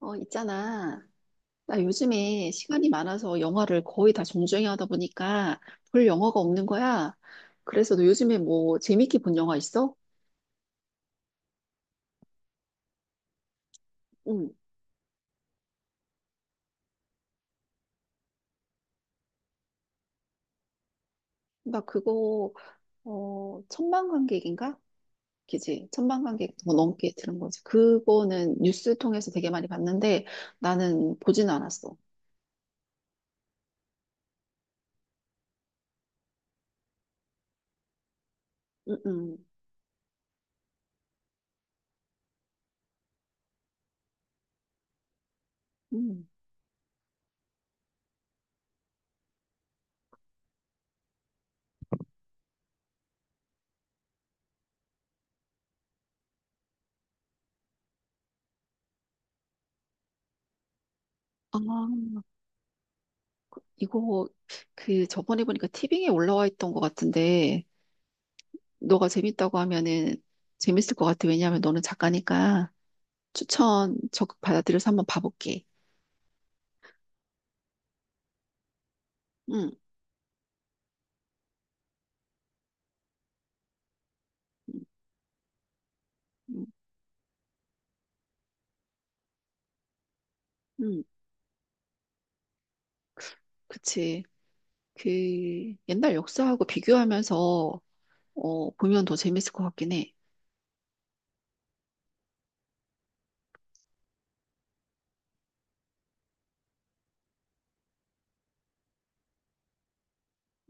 있잖아. 나 요즘에 시간이 많아서 영화를 거의 다 정주행 하다 보니까 볼 영화가 없는 거야. 그래서 너 요즘에 뭐 재밌게 본 영화 있어? 응. 나 그거, 천만관객인가? 그지? 천만관객 더 넘게 들은 거지. 그거는 뉴스 통해서 되게 많이 봤는데 나는 보진 않았어. 응, 응, 응. 아, 이거 그 저번에 보니까 티빙에 올라와 있던 것 같은데 너가 재밌다고 하면은 재밌을 것 같아. 왜냐하면 너는 작가니까 추천 적극 받아들여서 한번 봐볼게. 응, 응, 응, 응. 그치. 그 옛날 역사하고 비교하면서 보면 더 재밌을 것 같긴 해.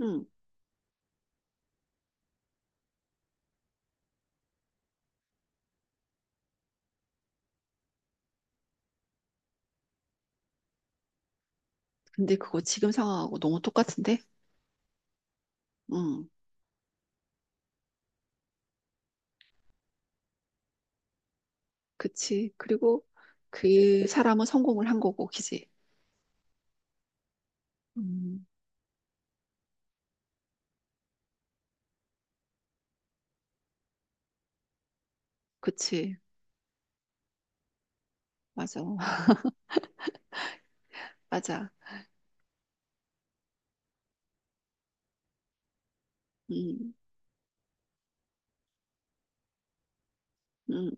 응. 근데 그거 지금 상황하고 너무 똑같은데? 응, 그치. 그리고 그 사람은 성공을 한 거고, 그지? 음, 그치. 맞아. 맞아. 음, 음.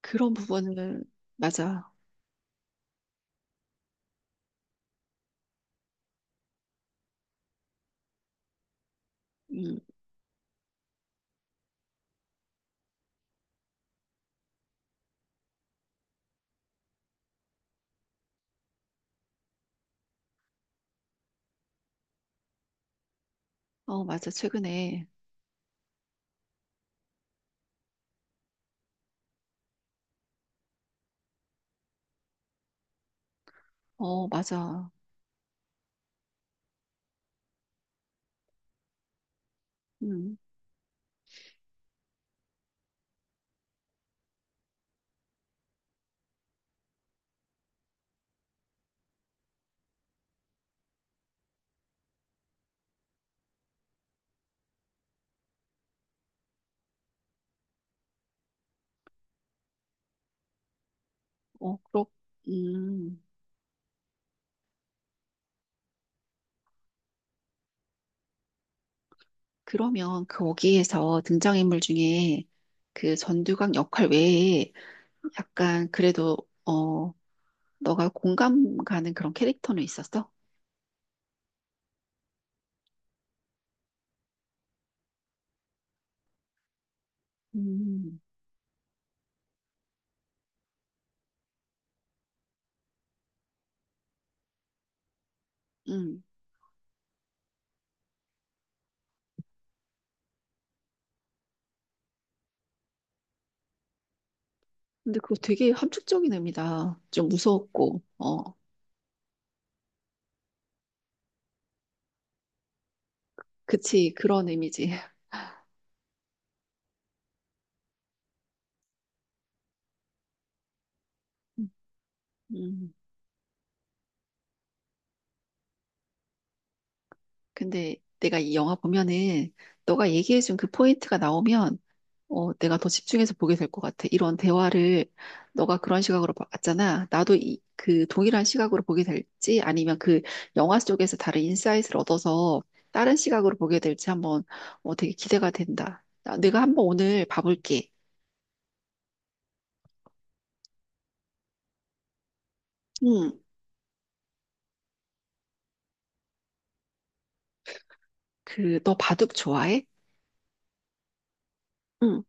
그런 부분을, 맞아. 음, 어, 맞아. 최근에. 어, 맞아. 음, 어, 음, 그러면 거기에서 등장인물 중에 그 전두광 역할 외에 약간 그래도, 어, 너가 공감 가는 그런 캐릭터는 있었어? 음, 음. 근데 그거 되게 함축적인 의미다. 좀 무서웠고. 그치, 그런 의미지. 음, 근데 내가 이 영화 보면은 너가 얘기해준 그 포인트가 나오면 내가 더 집중해서 보게 될 것 같아. 이런 대화를 너가 그런 시각으로 봤잖아. 나도 그 동일한 시각으로 보게 될지 아니면 그 영화 속에서 다른 인사이트를 얻어서 다른 시각으로 보게 될지 한번 되게 기대가 된다. 내가 한번 오늘 봐볼게. 응, 너 바둑 좋아해? 응.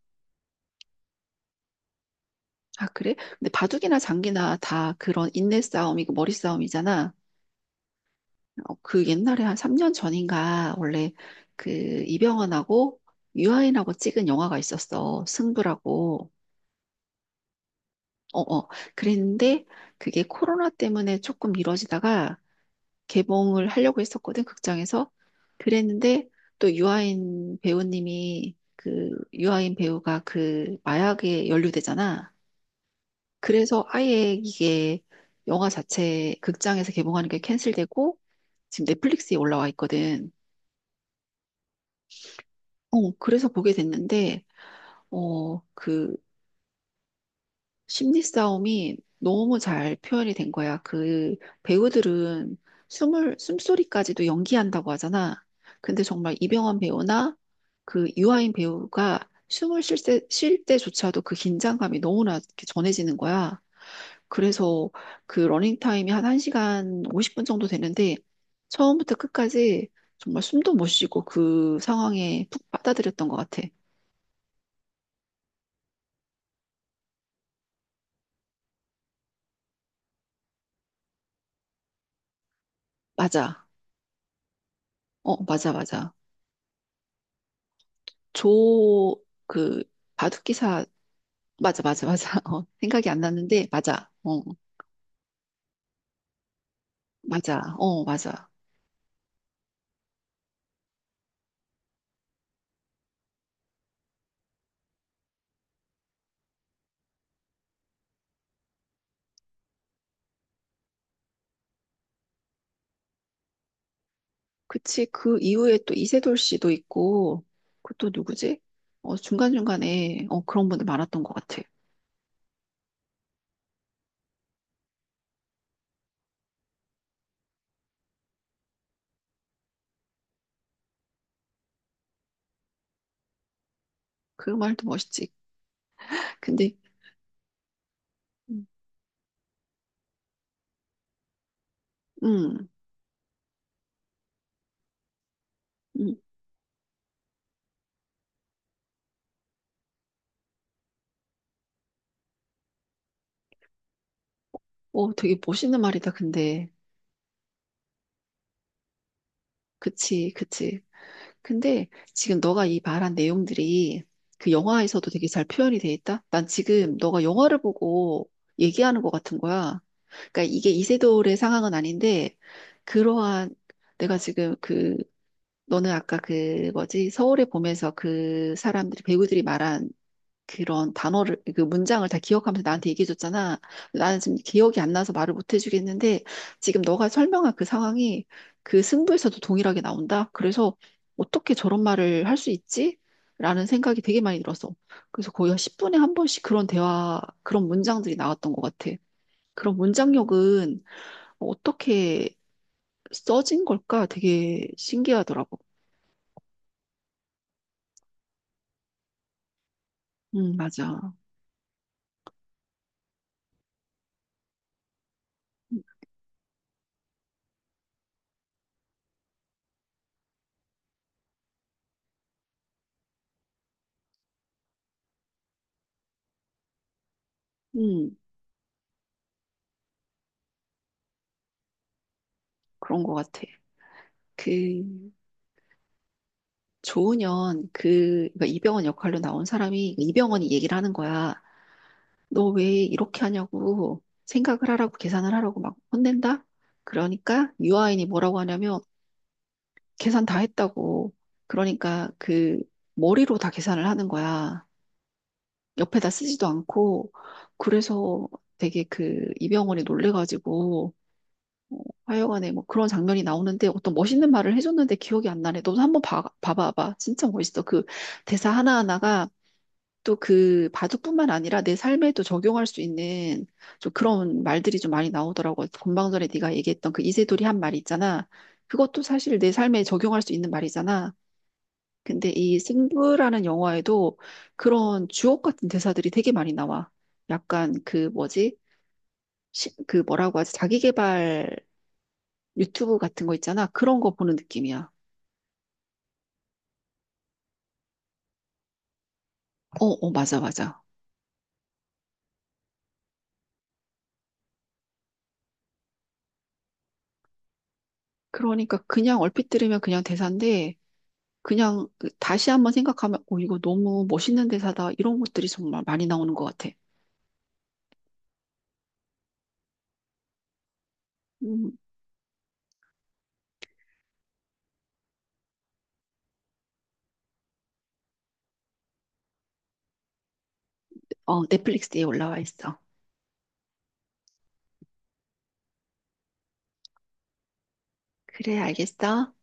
아, 그래? 근데 바둑이나 장기나 다 그런 인내 싸움이고 머리 싸움이잖아. 그 옛날에 한 3년 전인가 원래 그 이병헌하고 유아인하고 찍은 영화가 있었어. 승부라고. 어, 어. 그랬는데 그게 코로나 때문에 조금 미뤄지다가 개봉을 하려고 했었거든, 극장에서. 그랬는데 또 유아인 배우가 그 마약에 연루되잖아. 그래서 아예 이게 영화 자체 극장에서 개봉하는 게 캔슬되고 지금 넷플릭스에 올라와 있거든. 그래서 보게 됐는데, 그 심리 싸움이 너무 잘 표현이 된 거야. 그 배우들은 숨소리까지도 연기한다고 하잖아. 근데 정말 이병헌 배우나 그 유아인 배우가 숨을 쉴 때조차도 그 긴장감이 너무나 이렇게 전해지는 거야. 그래서 그 러닝타임이 한 1시간 50분 정도 되는데, 처음부터 끝까지 정말 숨도 못 쉬고 그 상황에 푹 빠져들였던 것 같아. 맞아. 맞아, 맞아. 조, 그, 바둑기사, 맞아, 맞아, 맞아. 생각이 안 났는데, 맞아. 어, 맞아. 어, 맞아. 그치. 그 이후에 또 이세돌 씨도 있고, 그 또 누구지? 중간중간에, 그런 분들 많았던 것 같아. 그 말도 멋있지. 근데, 음, 음, 음. 되게 멋있는 말이다, 근데. 그치, 그치. 근데 지금 너가 이 말한 내용들이 그 영화에서도 되게 잘 표현이 돼 있다? 난 지금 너가 영화를 보고 얘기하는 것 같은 거야. 그러니까 이게 이세돌의 상황은 아닌데, 그러한, 내가 지금 너는 아까 그 뭐지, 서울의 봄에서 배우들이 말한 그 문장을 다 기억하면서 나한테 얘기해줬잖아. 나는 지금 기억이 안 나서 말을 못 해주겠는데, 지금 너가 설명한 그 상황이 그 승부에서도 동일하게 나온다? 그래서 어떻게 저런 말을 할 수 있지? 라는 생각이 되게 많이 들었어. 그래서 거의 한 10분에 한 번씩 그런 대화, 그런 문장들이 나왔던 것 같아. 그런 문장력은 어떻게 써진 걸까? 되게 신기하더라고. 맞아. 음, 그런 것 같아. 그, 조은현 그러니까 이병헌 역할로 나온 사람이 그 이병헌이 얘기를 하는 거야. 너 왜 이렇게 하냐고 생각을 하라고 계산을 하라고 막 혼낸다. 그러니까 유아인이 뭐라고 하냐면 계산 다 했다고. 그러니까 그 머리로 다 계산을 하는 거야. 옆에다 쓰지도 않고 그래서 되게 그 이병헌이 놀래가지고 어, 하여간에 뭐 그런 장면이 나오는데 어떤 멋있는 말을 해줬는데 기억이 안 나네. 너도 한번 봐봐봐. 진짜 멋있어. 그 대사 하나하나가 또 그 바둑뿐만 아니라 내 삶에도 적용할 수 있는 좀 그런 말들이 좀 많이 나오더라고. 본방 전에 네가 얘기했던 그 이세돌이 한 말 있잖아. 그것도 사실 내 삶에 적용할 수 있는 말이잖아. 근데 이 승부라는 영화에도 그런 주옥 같은 대사들이 되게 많이 나와. 약간 그 뭐지? 그 뭐라고 하지? 자기계발 유튜브 같은 거 있잖아. 그런 거 보는 느낌이야. 어, 어, 맞아, 맞아. 그러니까 그냥 얼핏 들으면 그냥 대사인데 그냥 다시 한번 생각하면, 오, 이거 너무 멋있는 대사다. 이런 것들이 정말 많이 나오는 것 같아. 음, 어, 넷플릭스에 올라와 있어. 그래, 알겠어.